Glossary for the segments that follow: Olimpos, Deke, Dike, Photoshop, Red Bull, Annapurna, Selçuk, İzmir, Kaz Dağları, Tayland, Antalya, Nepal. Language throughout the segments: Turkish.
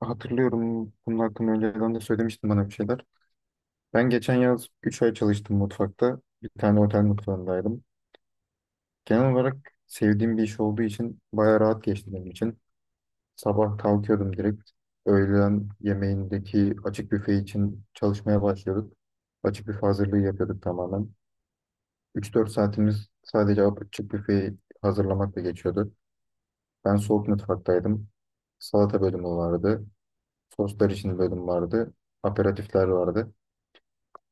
Hatırlıyorum bunun hakkında önceden de söylemiştin bana bir şeyler. Ben geçen yaz 3 ay çalıştım mutfakta. Bir tane otel mutfağındaydım. Genel olarak sevdiğim bir iş olduğu için bayağı rahat geçti benim için. Sabah kalkıyordum direkt. Öğlen yemeğindeki açık büfe için çalışmaya başlıyorduk. Açık büfe hazırlığı yapıyorduk tamamen. 3 4 saatimiz sadece açık büfeyi hazırlamakla geçiyordu. Ben soğuk mutfaktaydım. Salata bölümü vardı. Soslar için bölüm vardı. Aperatifler vardı.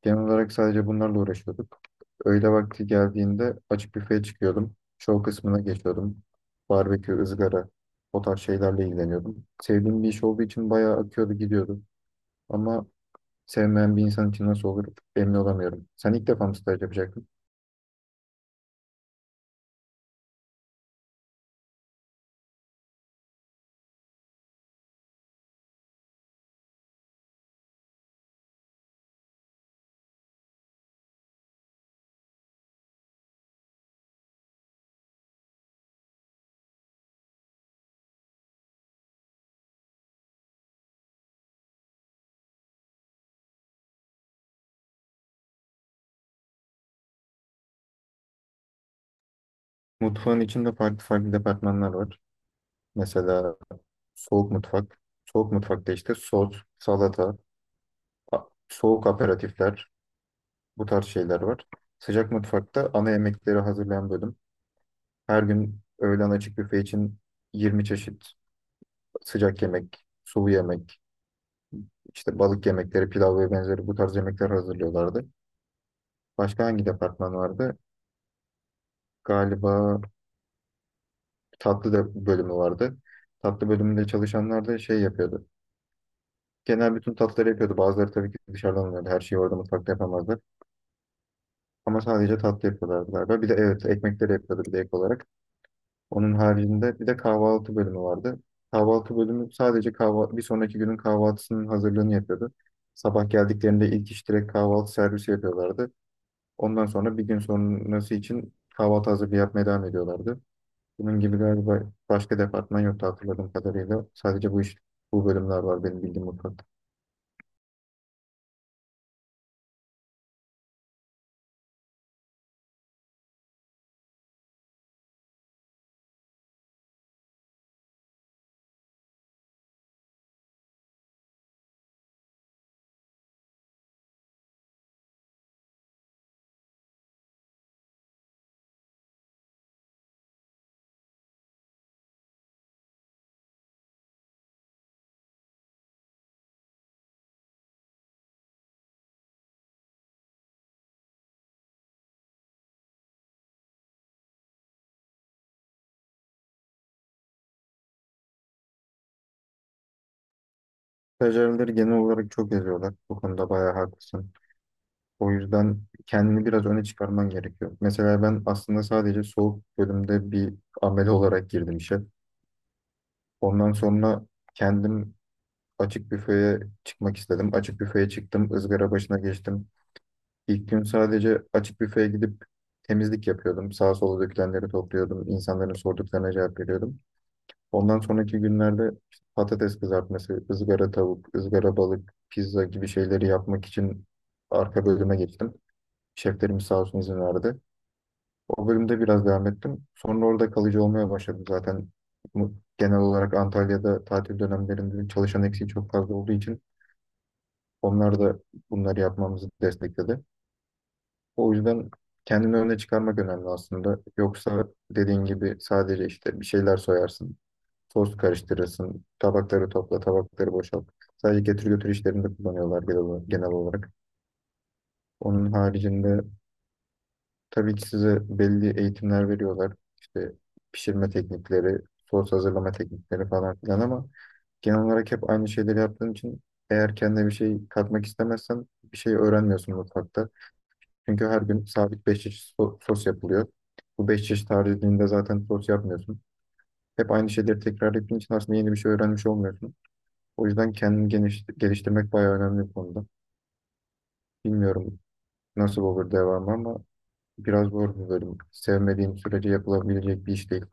Genel olarak sadece bunlarla uğraşıyorduk. Öğle vakti geldiğinde açık büfeye çıkıyordum. Show kısmına geçiyordum. Barbekü, ızgara, o tarz şeylerle ilgileniyordum. Sevdiğim bir iş olduğu için bayağı akıyordu gidiyordu. Ama sevmeyen bir insan için nasıl olur emin olamıyorum. Sen ilk defa mı staj yapacaktın? Mutfağın içinde farklı farklı departmanlar var. Mesela soğuk mutfak. Soğuk mutfakta işte sos, salata, soğuk aperatifler, bu tarz şeyler var. Sıcak mutfakta ana yemekleri hazırlayan bölüm. Her gün öğlen açık büfe için 20 çeşit sıcak yemek, sulu yemek, işte balık yemekleri, pilav ve benzeri bu tarz yemekler hazırlıyorlardı. Başka hangi departman vardı? Galiba tatlı da bölümü vardı. Tatlı bölümünde çalışanlar da şey yapıyordu. Genel bütün tatlıları yapıyordu. Bazıları tabii ki dışarıdan alıyordu. Her şeyi orada mutfakta yapamazdı. Ama sadece tatlı yapıyorlardı galiba. Bir de evet ekmekleri yapıyordu bir de ek olarak. Onun haricinde bir de kahvaltı bölümü vardı. Kahvaltı bölümü sadece bir sonraki günün kahvaltısının hazırlığını yapıyordu. Sabah geldiklerinde ilk iş direkt kahvaltı servisi yapıyorlardı. Ondan sonra bir gün sonrası için kahvaltı hazırlığı yapmaya devam ediyorlardı. Bunun gibi galiba başka departman yoktu hatırladığım kadarıyla. Sadece bu iş, bu bölümler var benim bildiğim mutfakta. Stajyerleri genel olarak çok eziyorlar. Bu konuda bayağı haklısın. O yüzden kendini biraz öne çıkarman gerekiyor. Mesela ben aslında sadece soğuk bölümde bir amele olarak girdim işe. Ondan sonra kendim açık büfeye çıkmak istedim. Açık büfeye çıktım, ızgara başına geçtim. İlk gün sadece açık büfeye gidip temizlik yapıyordum. Sağa sola dökülenleri topluyordum, insanların sorduklarına cevap veriyordum. Ondan sonraki günlerde işte patates kızartması, ızgara tavuk, ızgara balık, pizza gibi şeyleri yapmak için arka bölüme geçtim. Şeflerim sağ olsun izin verdi. O bölümde biraz devam ettim. Sonra orada kalıcı olmaya başladım zaten. Genel olarak Antalya'da tatil dönemlerinde çalışan eksiği çok fazla olduğu için onlar da bunları yapmamızı destekledi. O yüzden kendini öne çıkarmak önemli aslında. Yoksa dediğin gibi sadece işte bir şeyler soyarsın, toz karıştırırsın, tabakları topla, tabakları boşalt. Sadece getir götür işlerinde kullanıyorlar genel olarak. Genel olarak. Onun haricinde tabii ki size belli eğitimler veriyorlar. İşte pişirme teknikleri, sos hazırlama teknikleri falan filan ama genel olarak hep aynı şeyleri yaptığın için eğer kendine bir şey katmak istemezsen bir şey öğrenmiyorsun mutfakta. Çünkü her gün sabit 5 çeşit sos yapılıyor. Bu 5 çeşit haricinde zaten sos yapmıyorsun. Hep aynı şeyleri tekrar ettiğin için aslında yeni bir şey öğrenmiş olmuyorsun. O yüzden kendini geliştirmek bayağı önemli bir konuda. Bilmiyorum nasıl olur devamı ama biraz zor bir bölüm. Sevmediğim sürece yapılabilecek bir iş değil.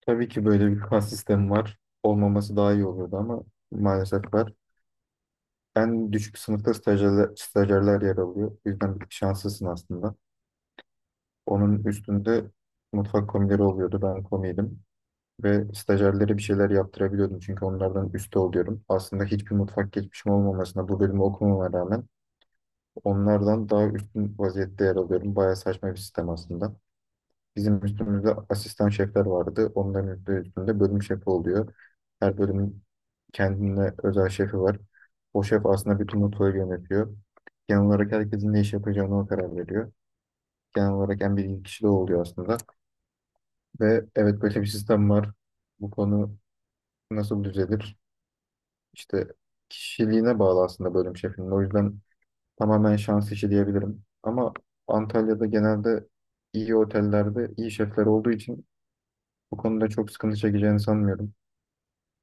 Tabii ki böyle bir kas sistemi var. Olmaması daha iyi olurdu ama maalesef var. En düşük sınıfta stajyerler yer alıyor. O yüzden bir tık şanslısın aslında. Onun üstünde mutfak komileri oluyordu. Ben komiydim. Ve stajyerlere bir şeyler yaptırabiliyordum. Çünkü onlardan üstte oluyorum. Aslında hiçbir mutfak geçmişim olmamasına bu bölümü okumama rağmen onlardan daha üstün vaziyette yer alıyorum. Bayağı saçma bir sistem aslında. Bizim üstümüzde asistan şefler vardı. Onların üstünde bölüm şefi oluyor. Her bölümün kendine özel şefi var. O şef aslında bütün mutfağı yönetiyor. Genel olarak herkesin ne iş yapacağını o karar veriyor. Genel olarak en bilgili kişi de o oluyor aslında. Ve evet böyle bir sistem var. Bu konu nasıl düzelir? İşte kişiliğine bağlı aslında bölüm şefinin. O yüzden tamamen şans işi diyebilirim. Ama Antalya'da genelde iyi otellerde iyi şefler olduğu için bu konuda çok sıkıntı çekeceğini sanmıyorum.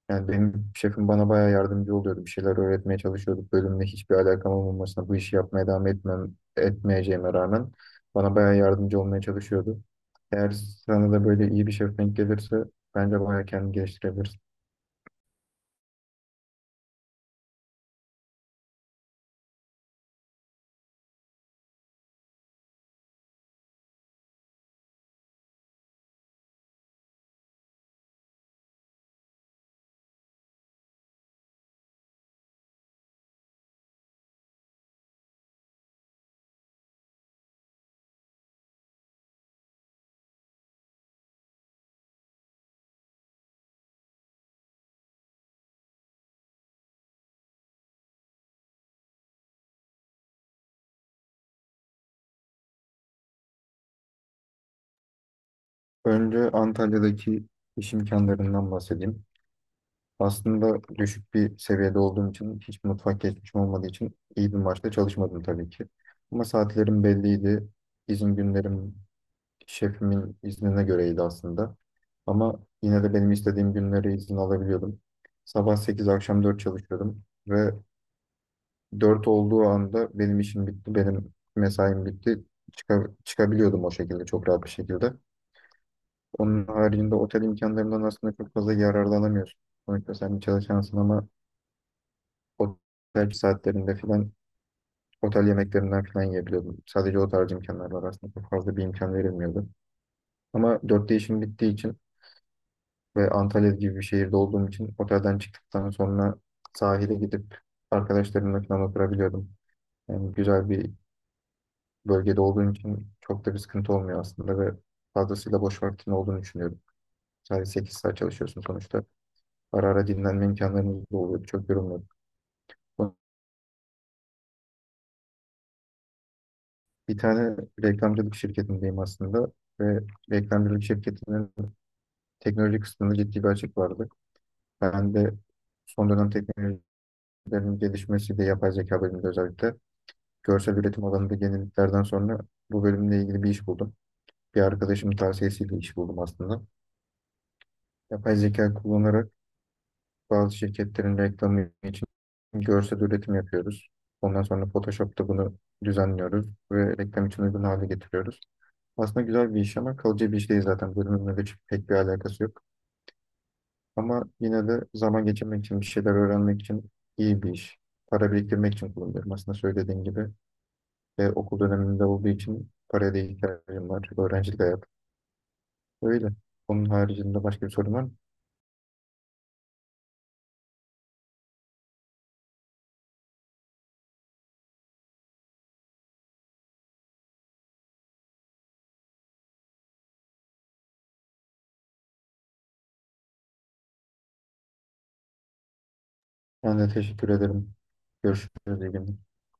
Yani benim şefim bana bayağı yardımcı oluyordu. Bir şeyler öğretmeye çalışıyordu. Bölümle hiçbir alakam olmamasına bu işi yapmaya devam etmem, etmeyeceğime rağmen bana bayağı yardımcı olmaya çalışıyordu. Eğer sana da böyle iyi bir şef denk gelirse bence bayağı kendini geliştirebilirsin. Önce Antalya'daki iş imkanlarından bahsedeyim. Aslında düşük bir seviyede olduğum için, hiç mutfak geçmişim olmadığı için iyi bir maaşla çalışmadım tabii ki. Ama saatlerim belliydi. İzin günlerim şefimin iznine göreydi aslında. Ama yine de benim istediğim günleri izin alabiliyordum. Sabah 8, akşam 4 çalışıyordum. Ve 4 olduğu anda benim işim bitti, benim mesaim bitti. Çıkabiliyordum o şekilde, çok rahat bir şekilde. Onun haricinde otel imkanlarından aslında çok fazla yararlanamıyorsun. Sonuçta sen bir çalışansın ama otel saatlerinde filan, otel yemeklerinden filan yiyebiliyordum. Sadece o tarz imkanlar var aslında. Çok fazla bir imkan verilmiyordu. Ama 4'te işim bittiği için ve Antalya gibi bir şehirde olduğum için otelden çıktıktan sonra sahile gidip arkadaşlarımla falan oturabiliyordum. Yani güzel bir bölgede olduğum için çok da bir sıkıntı olmuyor aslında ve fazlasıyla boş vaktin olduğunu düşünüyorum. Sadece 8 saat çalışıyorsun sonuçta. Ara ara dinlenme imkanlarımız da oluyor. Çok yorulmuyorduk. Bir tane reklamcılık şirketindeyim aslında ve reklamcılık şirketinin teknoloji kısmında ciddi bir açık vardı. Ben de son dönem teknolojilerin gelişmesiyle yapay zeka bölümünde özellikle görsel üretim alanında yeniliklerden sonra bu bölümle ilgili bir iş buldum. Bir arkadaşımın tavsiyesiyle iş buldum aslında. Yapay zeka kullanarak bazı şirketlerin reklamı için görsel üretim yapıyoruz. Ondan sonra Photoshop'ta bunu düzenliyoruz ve reklam için uygun hale getiriyoruz. Aslında güzel bir iş ama kalıcı bir iş değil zaten. Bölümümle de pek bir alakası yok. Ama yine de zaman geçirmek için, bir şeyler öğrenmek için iyi bir iş. Para biriktirmek için kullanıyorum. Aslında söylediğin gibi ve okul döneminde olduğu için paraya da ihtiyacım var. Öğrencilik hayat. Öyle. Onun haricinde başka bir sorun var mı? Ben de teşekkür ederim. Görüşürüz. İyi günler.